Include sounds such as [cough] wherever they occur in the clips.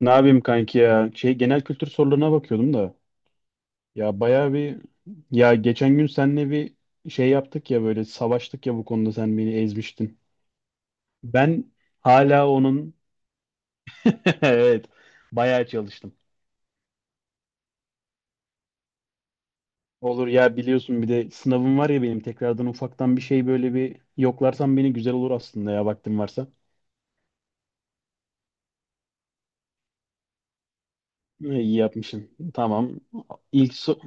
Ne yapayım kanki ya? Genel kültür sorularına bakıyordum da. Ya bayağı bir Ya geçen gün seninle bir şey yaptık, ya böyle savaştık, ya bu konuda sen beni ezmiştin. Ben hala onun [laughs] Evet, bayağı çalıştım. Olur ya, biliyorsun bir de sınavım var ya benim, tekrardan ufaktan bir şey, böyle bir yoklarsan beni güzel olur aslında ya, vaktin varsa. İyi yapmışsın. Tamam. İlk so-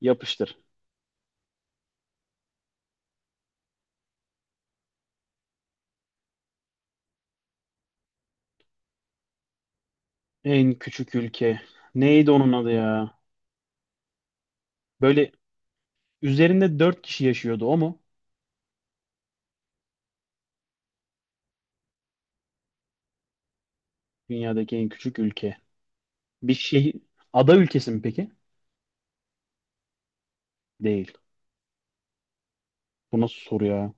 Yapıştır. En küçük ülke. Neydi onun adı ya? Böyle üzerinde dört kişi yaşıyordu, o mu? Dünyadaki en küçük ülke. Bir şey Ada ülkesi mi peki? Değil. Bu nasıl soru ya?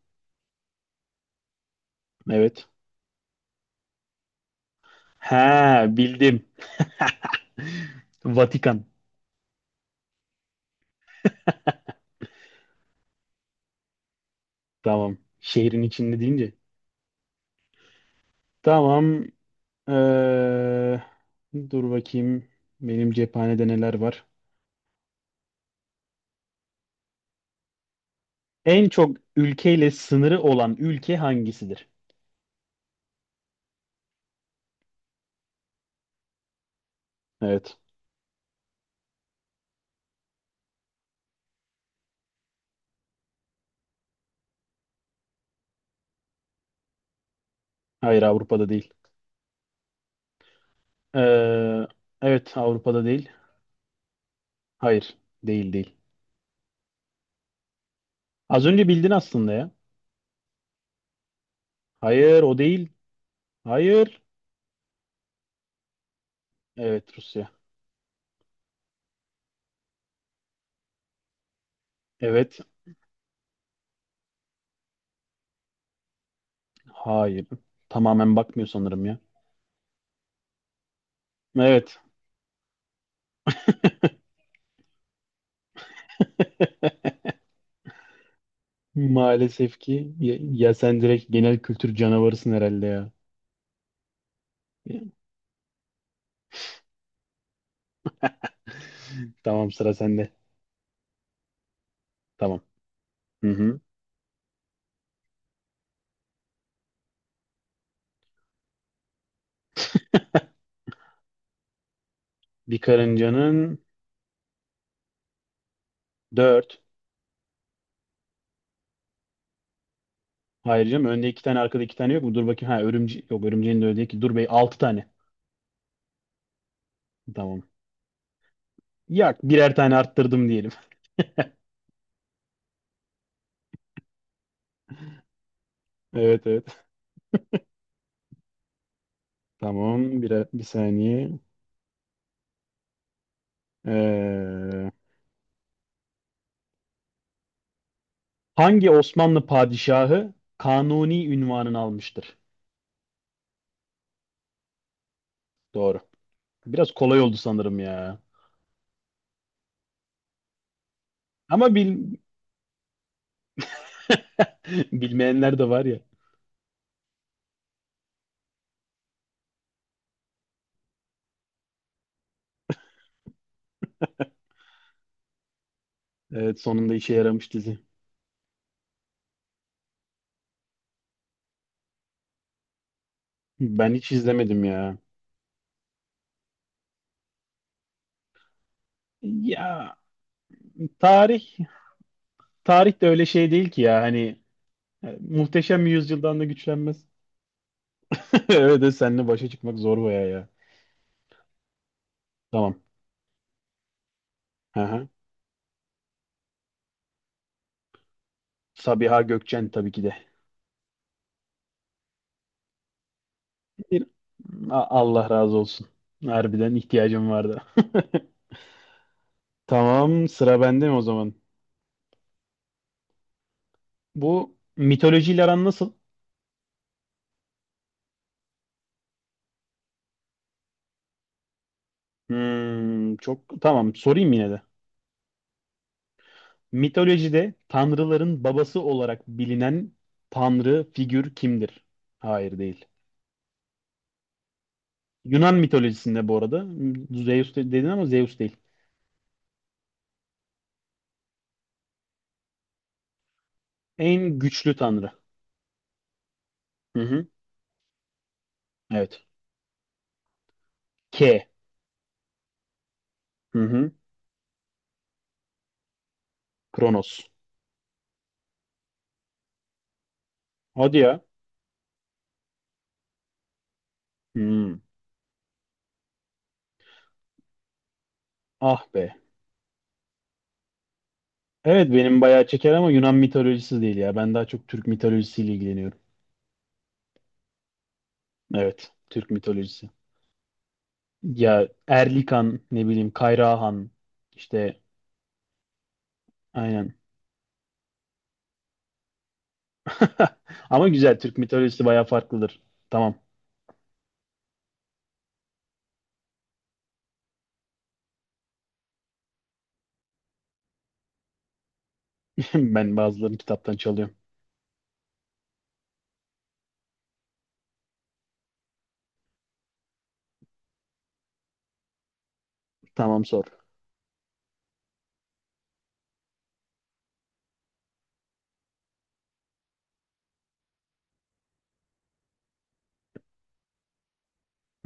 Evet. Ha, bildim. [laughs] Vatikan. Tamam. Şehrin içinde deyince. Tamam. Ee, Dur bakayım. Benim cephanede neler var? En çok ülkeyle sınırı olan ülke hangisidir? Evet. Hayır, Avrupa'da değil. Ee, evet, Avrupa'da değil. Hayır. Değil, değil. Az önce bildin aslında ya. Hayır, o değil. Hayır. Evet, Rusya. Evet. Hayır. Tamamen bakmıyor sanırım ya. Evet. [laughs] Maalesef ki ya, ya sen direkt genel kültür canavarısın herhalde ya. Tamam, sıra sende. Tamam. Hı hı. Bir karıncanın dört. Hayır canım, önde iki tane arkada iki tane yok mu? Dur bakayım. Ha, yok, örümceğin de öyle değil ki. Dur bey, altı tane. Tamam. Yak, birer tane arttırdım diyelim. [laughs] Evet, evet. Tamam, bir saniye. Ee, Hangi Osmanlı padişahı Kanuni ünvanını almıştır? Doğru. Biraz kolay oldu sanırım ya. Ama bil... [laughs] Bilmeyenler de var ya. Evet, sonunda işe yaramış dizi. Ben hiç izlemedim ya. Ya tarih tarih de öyle şey değil ki ya hani muhteşem yüzyıldan da güçlenmez. [laughs] Öyle de seninle başa çıkmak zor baya ya. Tamam. Hı hı. Sabiha Gökçen tabii ki de. Bir- Allah razı olsun. Harbiden ihtiyacım vardı. [laughs] Tamam, sıra bende mi o zaman? Bu mitolojiyle aran nasıl? Hmm, çok, tamam, sorayım yine de. Mitolojide tanrıların babası olarak bilinen tanrı figür kimdir? Hayır, değil. Yunan mitolojisinde bu arada Zeus dedin ama Zeus değil. En güçlü tanrı. Hı hı. Evet. K. Hı hı. Kronos. Hadi ya. Hmm. Ah be. Evet, benim bayağı çeker ama Yunan mitolojisi değil ya. Ben daha çok Türk mitolojisiyle ilgileniyorum. Evet. Türk mitolojisi. Ya Erlikan, ne bileyim, Kayrahan işte, aynen. [laughs] Ama güzel, Türk mitolojisi bayağı farklıdır. Tamam. [laughs] Ben bazılarını kitaptan çalıyorum. Tamam, sor.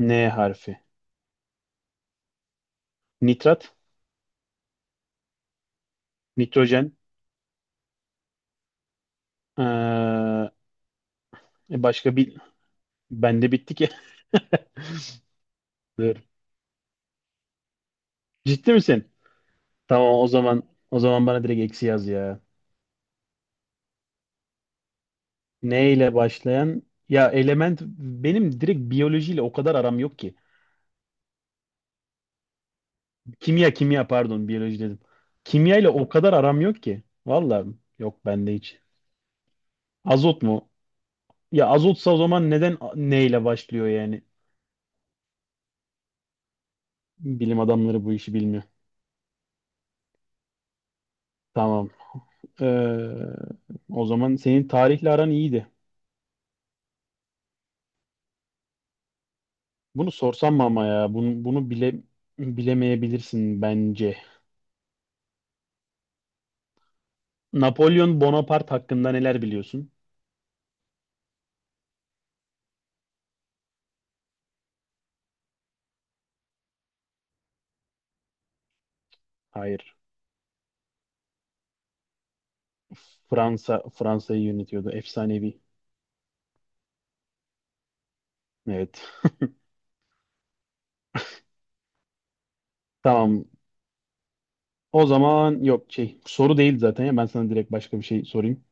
N harfi. Nitrat, nitrojen. Ee, e, başka bir Bende bitti ki. [laughs] Dur. Ciddi misin? Tamam, o zaman bana direkt eksi yaz ya. N ile başlayan ya element, benim direkt biyolojiyle o kadar aram yok ki. Kimya, kimya pardon, biyoloji dedim. Kimya ile o kadar aram yok ki. Vallahi yok, bende hiç. Azot mu? Ya azotsa o zaman neden neyle başlıyor yani? Bilim adamları bu işi bilmiyor. Tamam. Ee, O zaman senin tarihle aran iyiydi. Bunu sorsam mı ama ya? Bunu bile bilemeyebilirsin bence. Napolyon Bonaparte hakkında neler biliyorsun? Hayır. Fransa'yı yönetiyordu. Efsanevi. Evet. Tamam. O zaman yok, soru değil zaten ya, ben sana direkt başka bir şey sorayım.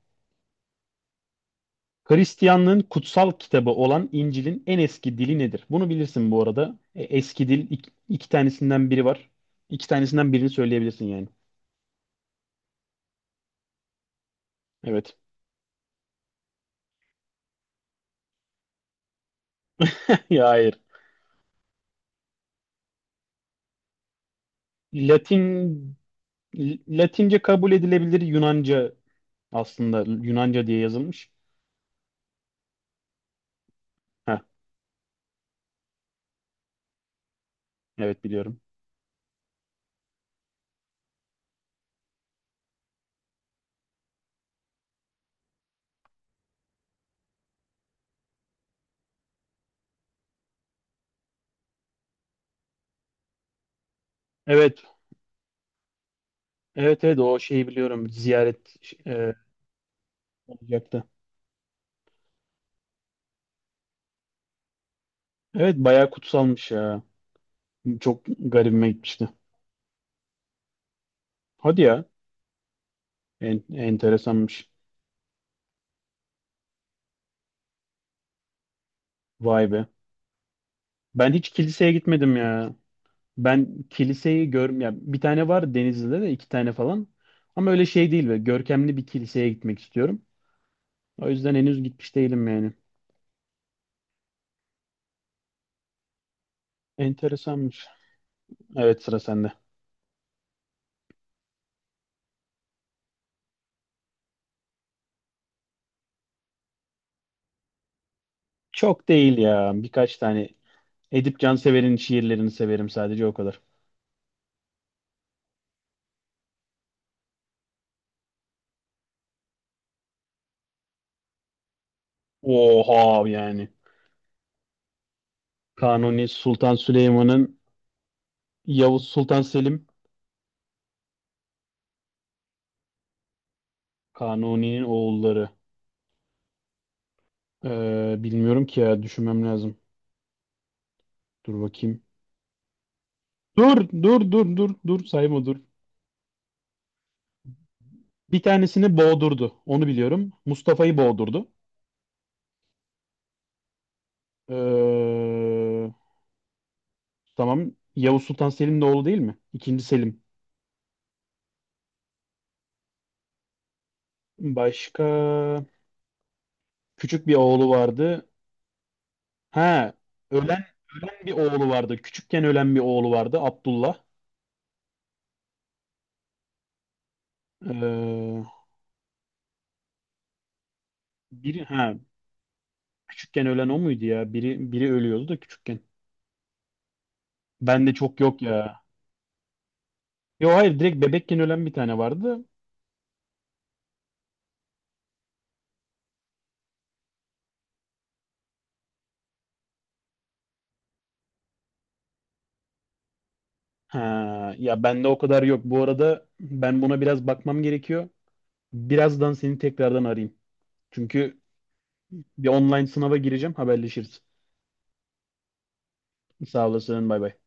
Hristiyanlığın kutsal kitabı olan İncil'in en eski dili nedir? Bunu bilirsin bu arada. Eski dil, iki tanesinden biri var. İki tanesinden birini söyleyebilirsin yani. Evet. [laughs] Ya hayır. Latin Latince kabul edilebilir, Yunanca, aslında Yunanca diye yazılmış. Heh, evet, biliyorum. Evet. Evet, evet, o şeyi biliyorum. Ziyaret e, olacaktı. Evet, bayağı kutsalmış ya. Çok garibime gitmişti. Hadi ya. Enteresanmış. Vay be. Ben hiç kiliseye gitmedim ya. Ben kiliseyi ya bir tane var Denizli'de, de iki tane falan. Ama öyle şey değil ve görkemli bir kiliseye gitmek istiyorum. O yüzden henüz gitmiş değilim yani. Enteresanmış. Evet, sıra sende. Çok değil ya. Birkaç tane Edip Cansever'in şiirlerini severim, sadece o kadar. Oha yani. Kanuni Sultan Süleyman'ın Yavuz Sultan Selim. Kanuni'nin oğulları. Bilmiyorum ki ya, düşünmem lazım. Dur bakayım. Dur, dur, dur, dur, dur. Sayma, dur. Bir tanesini boğdurdu. Onu biliyorum. Mustafa'yı boğdurdu. Ee, tamam. Yavuz Sultan Selim'in oğlu değil mi? İkinci Selim. Başka küçük bir oğlu vardı. Ha, ölen ölen bir oğlu vardı. Küçükken ölen bir oğlu vardı. Abdullah. Ee, Biri, ha, küçükken ölen o muydu ya? Biri ölüyordu da küçükken. Ben de çok yok ya. Yo hayır, direkt bebekken ölen bir tane vardı. Ha, ya bende o kadar yok. Bu arada ben buna biraz bakmam gerekiyor. Birazdan seni tekrardan arayayım. Çünkü bir online sınava gireceğim. Haberleşiriz. Sağ olasın. Bay bay.